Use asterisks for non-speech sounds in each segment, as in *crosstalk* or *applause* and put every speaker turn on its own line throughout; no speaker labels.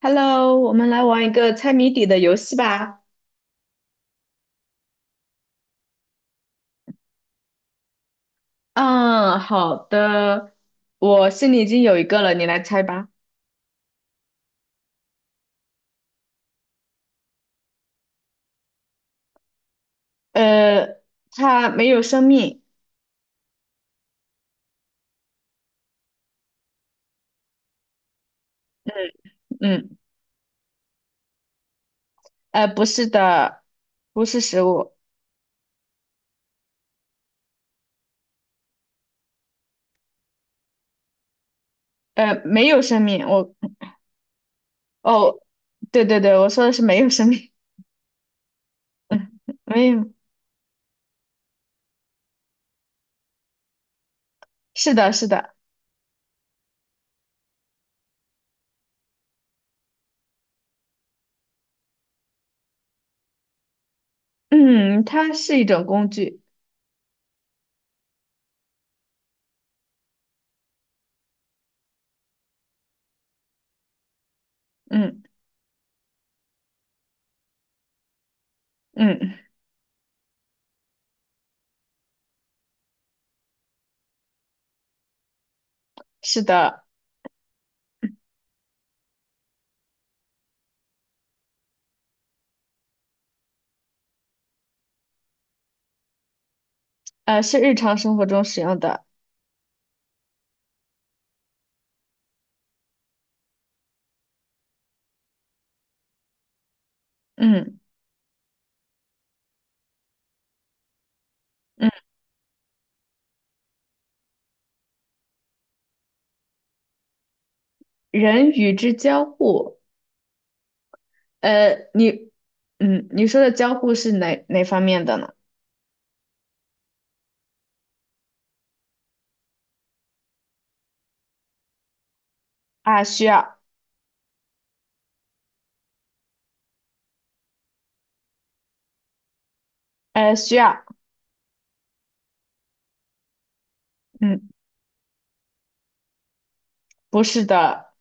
Hello，我们来玩一个猜谜底的游戏吧。嗯，好的，我心里已经有一个了，你来猜吧。呃，它没有生命。嗯嗯，不是的，不是食物，没有生命。哦，对对对，我说的是没有生命，*laughs* 没有。是的，是的，嗯，它是一种工具。嗯嗯，是的，是日常生活中使用的。嗯嗯，人与之交互。呃，你，嗯，你说的交互是哪方面的呢？啊，需要，需要，嗯，不是的，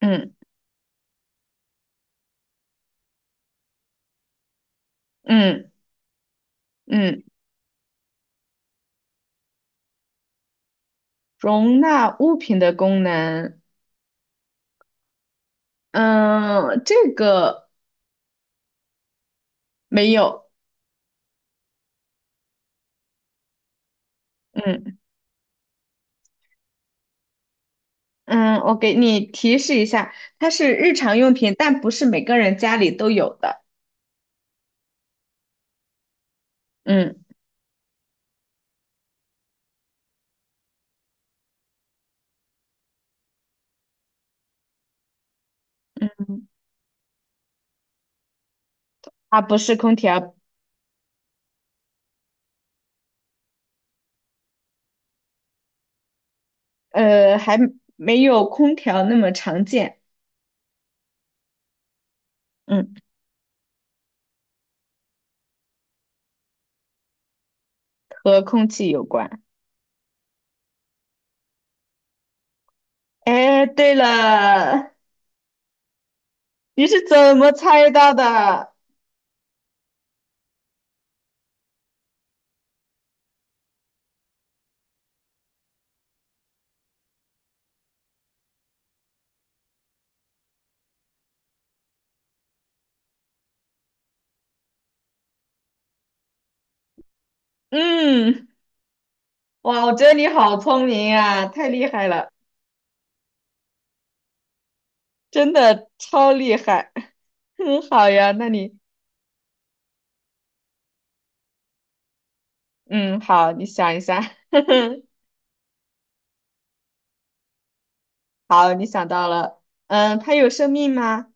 嗯嗯嗯，容纳物品的功能，嗯，这个没有，嗯嗯，我给你提示一下，它是日常用品，但不是每个人家里都有的，嗯，嗯，它不是空调，还没有空调那么常见，嗯，和空气有关。哎，对了，你是怎么猜到的？嗯，哇，我觉得你好聪明啊，太厉害了，真的超厉害。*laughs* 嗯，好呀，那你，嗯，好，你想一下，*laughs* 好，你想到了，嗯，他有生命吗？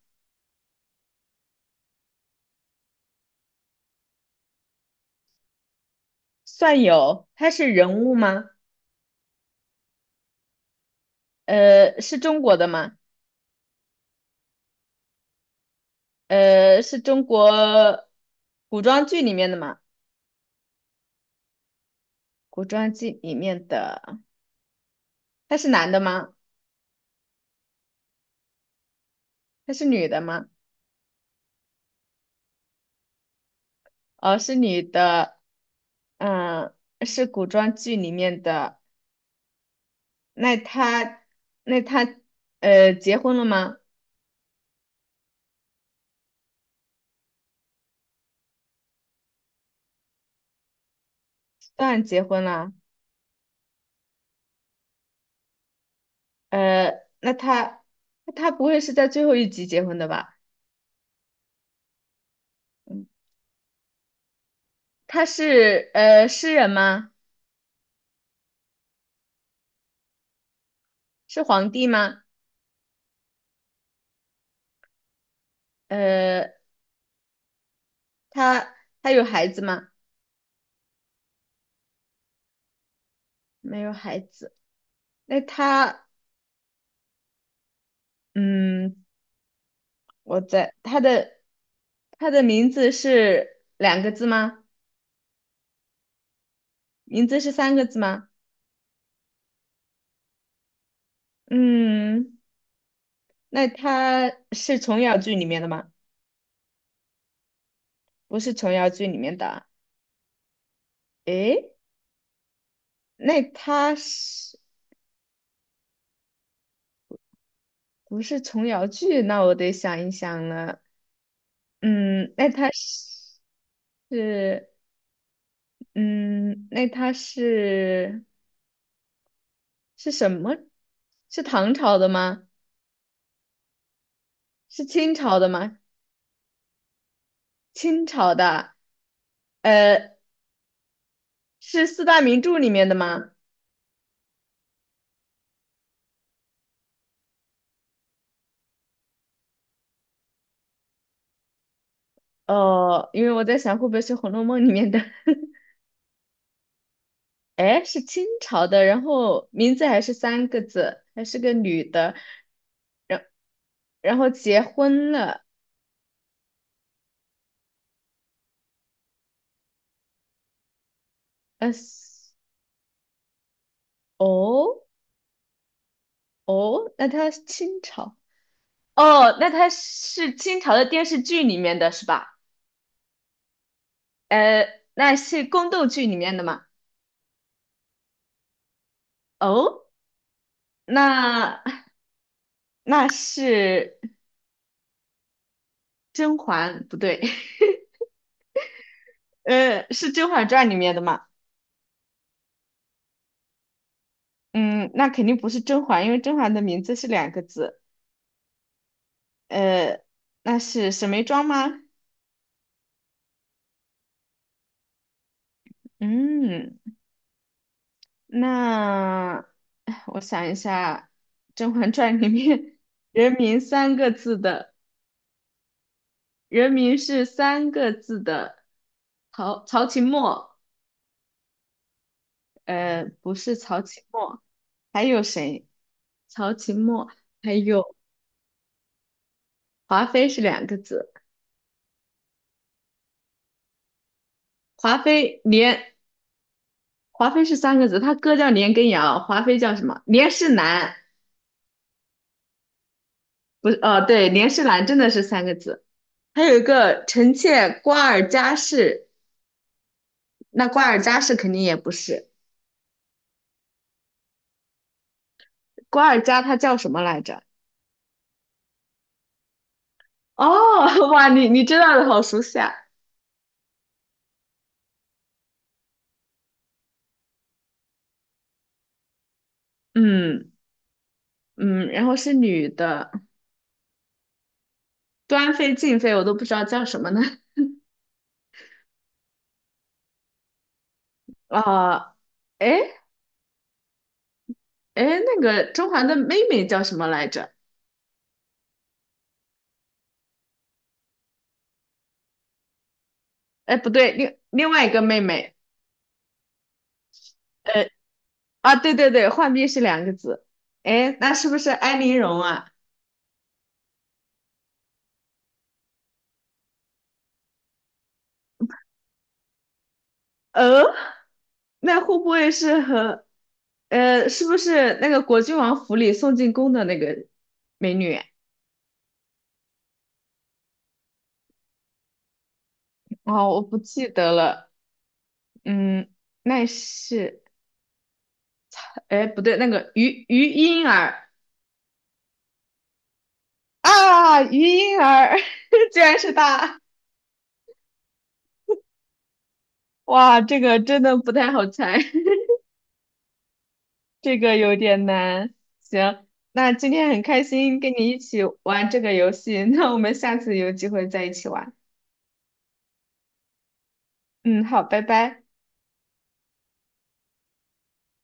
算有，他是人物吗？是中国的吗？是中国古装剧里面的吗？古装剧里面的，他是男的吗？他是女的吗？哦，是女的。嗯，是古装剧里面的。那他，那他，结婚了吗？当然结婚了。呃，那他，他不会是在最后一集结婚的吧？嗯，他是诗人吗？是皇帝吗？呃，他他有孩子吗？没有孩子。那他，嗯，我在他的他的名字是两个字吗？名字是三个字吗？嗯。那他是琼瑶剧里面的吗？不是琼瑶剧里面的啊。诶，那他是不是琼瑶剧？那我得想一想了。嗯，那他是，嗯，那他是是什么？是唐朝的吗？是清朝的吗？清朝的，呃，是四大名著里面的吗？哦，因为我在想会不会是《红楼梦》里面的。哎，是清朝的，然后名字还是三个字，还是个女的，然然后结婚了，呃，哦哦，那她是清朝，哦，那她是清朝的电视剧里面的是吧？呃，那是宫斗剧里面的吗？哦，那那是甄嬛，不对，*laughs* 是《甄嬛传》里面的吗？嗯，那肯定不是甄嬛，因为甄嬛的名字是两个字，呃，那是沈眉庄吗？嗯，那哎我想一下，《甄嬛传》里面“人名”三个字的“人名”是三个字的曹琴墨，不是曹琴墨，还有谁？曹琴墨，还有华妃是两个字，华妃连华妃是三个字，她哥叫连根瑶，华妃叫什么？连世兰，不是，哦，对，连世兰真的是三个字。还有一个臣妾瓜尔佳氏，那瓜尔佳是肯定也不是。瓜尔佳她叫什么来着？哦，哇，你知道的好熟悉啊。嗯嗯，然后是女的，端妃、静妃我都不知道叫什么呢。*laughs* 啊、诶哎诶那个甄嬛的妹妹叫什么来着？哎，不对，另外一个妹妹，呃啊，对对对，浣碧是两个字。哎，那是不是安陵容啊？呃，那会不会是和，是不是那个果郡王府里送进宫的那个美女啊？哦，我不记得了。嗯，那是，哎，不对，那个于莺儿啊，于莺儿 *laughs* 居然是她！哇，这个真的不太好猜，*laughs* 这个有点难。行，那今天很开心跟你一起玩这个游戏，那我们下次有机会再一起玩。嗯，好，拜拜。